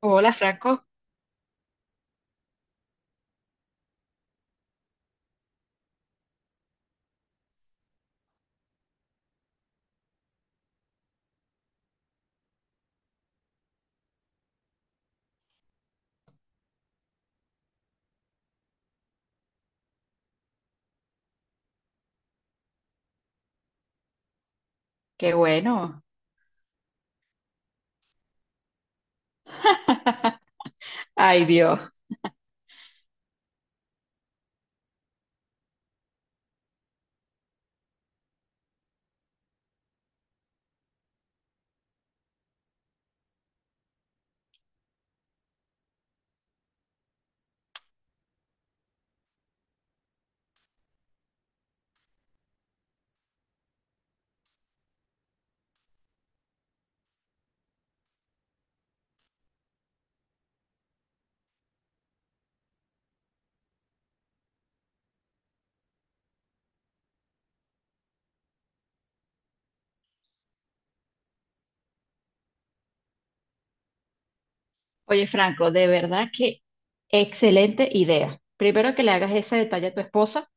Hola Franco, qué bueno. Ay Dios. Oye Franco, de verdad que excelente idea. Primero que le hagas ese detalle a tu esposa,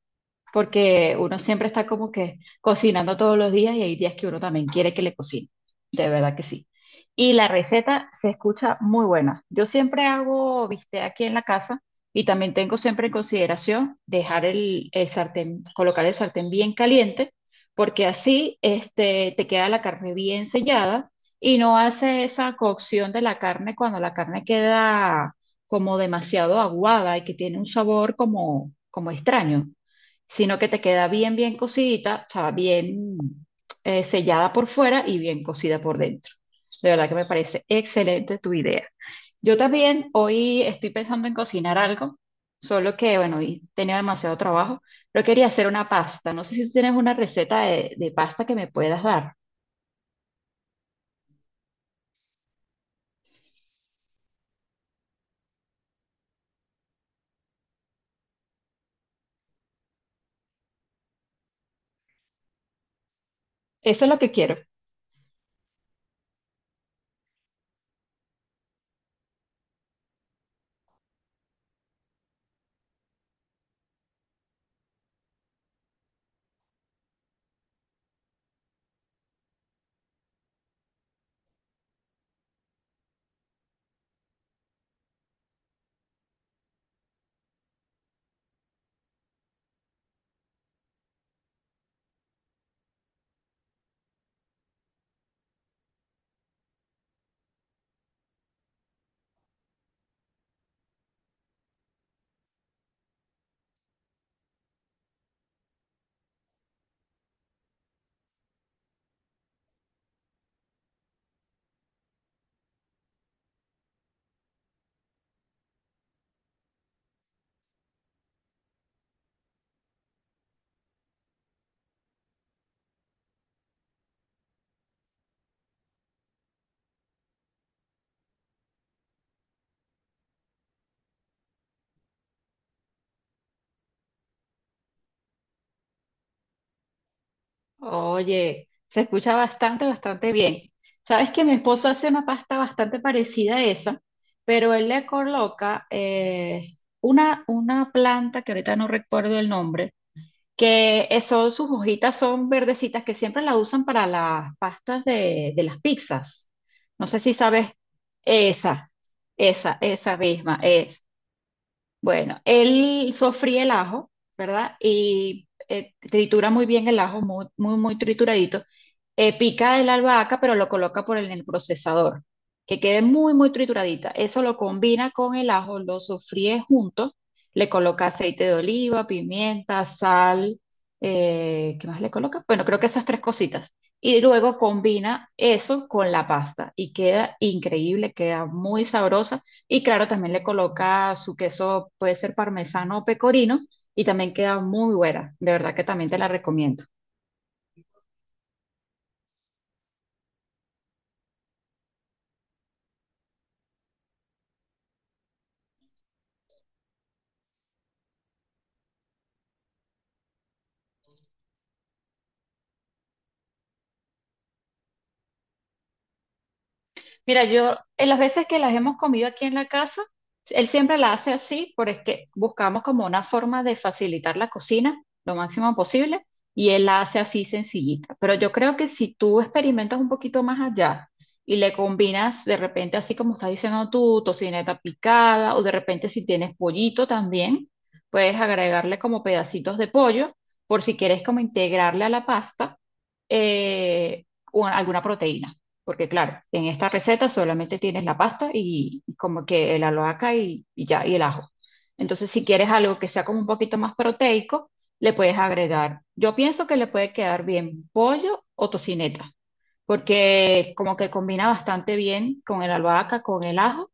porque uno siempre está como que cocinando todos los días y hay días que uno también quiere que le cocine, de verdad que sí. Y la receta se escucha muy buena. Yo siempre hago bistec aquí en la casa y también tengo siempre en consideración dejar el sartén, colocar el sartén bien caliente, porque así este, te queda la carne bien sellada y no hace esa cocción de la carne cuando la carne queda como demasiado aguada y que tiene un sabor como, como extraño, sino que te queda bien, bien cocidita, o sea, bien sellada por fuera y bien cocida por dentro. De verdad que me parece excelente tu idea. Yo también hoy estoy pensando en cocinar algo, solo que, bueno, hoy tenía demasiado trabajo, pero quería hacer una pasta. No sé si tú tienes una receta de pasta que me puedas dar. Eso es lo que quiero. Oye, se escucha bastante, bastante bien. Sabes que mi esposo hace una pasta bastante parecida a esa, pero él le coloca una planta que ahorita no recuerdo el nombre, que eso, sus hojitas son verdecitas que siempre la usan para las pastas de las pizzas. No sé si sabes esa, esa misma es. Bueno, él sofríe el ajo, ¿verdad? Y tritura muy bien el ajo, muy, muy, muy trituradito, pica de la albahaca, pero lo coloca por en el procesador, que quede muy, muy trituradita. Eso lo combina con el ajo, lo sofríe junto, le coloca aceite de oliva, pimienta, sal, ¿qué más le coloca? Bueno, creo que esas tres cositas. Y luego combina eso con la pasta y queda increíble, queda muy sabrosa. Y claro, también le coloca su queso, puede ser parmesano o pecorino, y también queda muy buena. De verdad que también te la recomiendo. Mira, yo en las veces que las hemos comido aquí en la casa, él siempre la hace así, porque buscamos como una forma de facilitar la cocina lo máximo posible y él la hace así sencillita. Pero yo creo que si tú experimentas un poquito más allá y le combinas de repente así como estás diciendo tú, tocineta picada o de repente si tienes pollito también, puedes agregarle como pedacitos de pollo por si quieres como integrarle a la pasta eh, o alguna proteína. Porque claro, en esta receta solamente tienes la pasta y como que el albahaca y ya, y el ajo. Entonces, si quieres algo que sea como un poquito más proteico, le puedes agregar. Yo pienso que le puede quedar bien pollo o tocineta, porque como que combina bastante bien con el albahaca, con el ajo.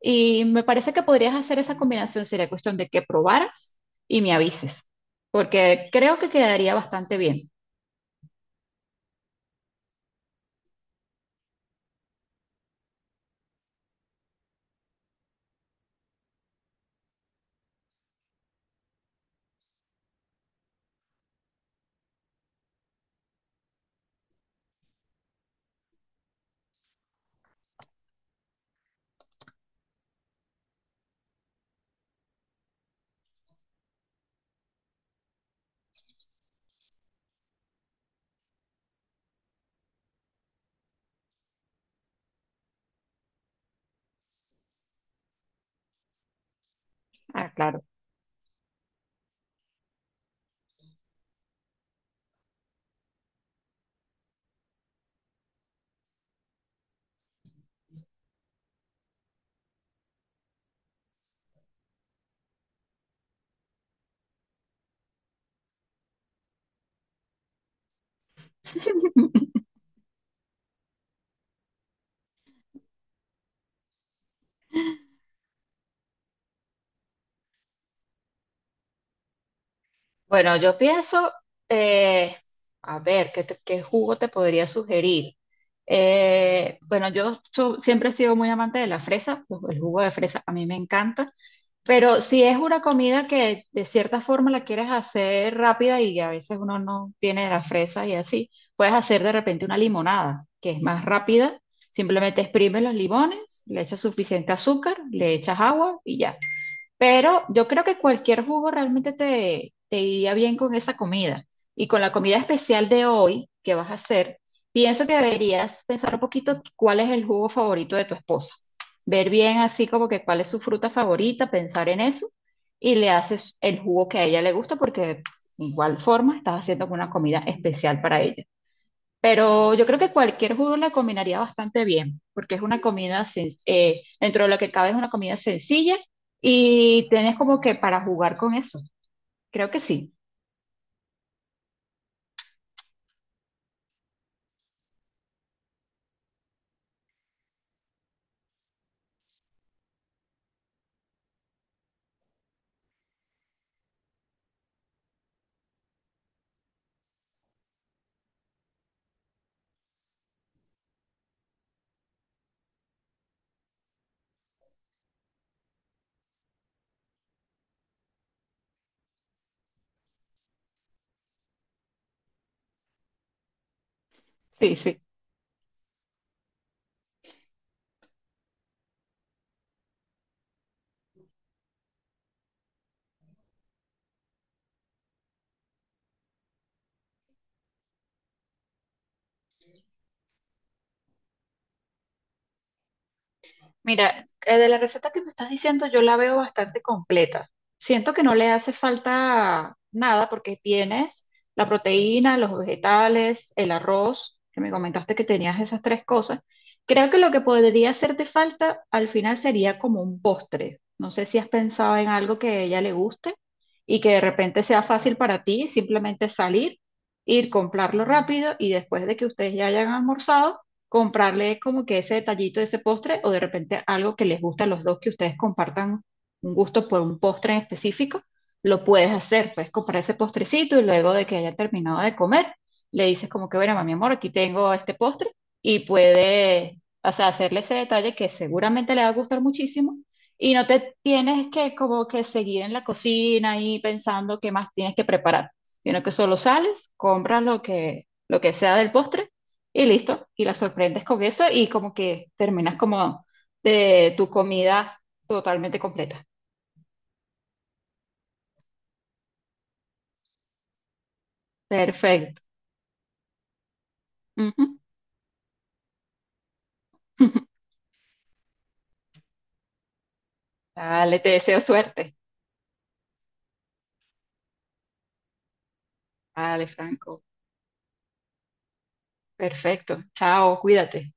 Y me parece que podrías hacer esa combinación. Sería cuestión de que probaras y me avises, porque creo que quedaría bastante bien. Ah, claro. Bueno, yo pienso, eh, a ver, ¿ qué jugo te podría sugerir? Bueno, siempre he sido muy amante de la fresa, pues, el jugo de fresa a mí me encanta, pero si es una comida que de cierta forma la quieres hacer rápida y a veces uno no tiene la fresa y así, puedes hacer de repente una limonada, que es más rápida, simplemente exprimes los limones, le echas suficiente azúcar, le echas agua y ya. Pero yo creo que cualquier jugo realmente te, te iría bien con esa comida. Y con la comida especial de hoy que vas a hacer, pienso que deberías pensar un poquito cuál es el jugo favorito de tu esposa. Ver bien así como que cuál es su fruta favorita, pensar en eso y le haces el jugo que a ella le gusta porque de igual forma estás haciendo una comida especial para ella. Pero yo creo que cualquier jugo la combinaría bastante bien, porque es una comida, dentro de lo que cabe es una comida sencilla y tenés como que para jugar con eso. Creo que sí, sí, sí. Mira, de la receta que me estás diciendo, yo la veo bastante completa. Siento que no le hace falta nada porque tienes la proteína, los vegetales, el arroz, que me comentaste que tenías esas tres cosas. Creo que lo que podría hacerte falta al final sería como un postre. No sé si has pensado en algo que a ella le guste y que de repente sea fácil para ti, simplemente salir, ir, comprarlo rápido y después de que ustedes ya hayan almorzado comprarle como que ese detallito, ese postre, o de repente algo que les gusta a los dos, que ustedes compartan un gusto por un postre en específico, lo puedes hacer, puedes comprar ese postrecito y luego de que haya terminado de comer, le dices como que, bueno, mi amor, aquí tengo este postre y puede, o sea, hacerle ese detalle que seguramente le va a gustar muchísimo. Y no te tienes que como que seguir en la cocina y pensando qué más tienes que preparar, sino que solo sales, compras lo que sea del postre y listo, y la sorprendes con eso y como que terminas como de tu comida totalmente completa. Perfecto. Ujú. Dale, te deseo suerte. Dale, Franco. Perfecto. Chao, cuídate.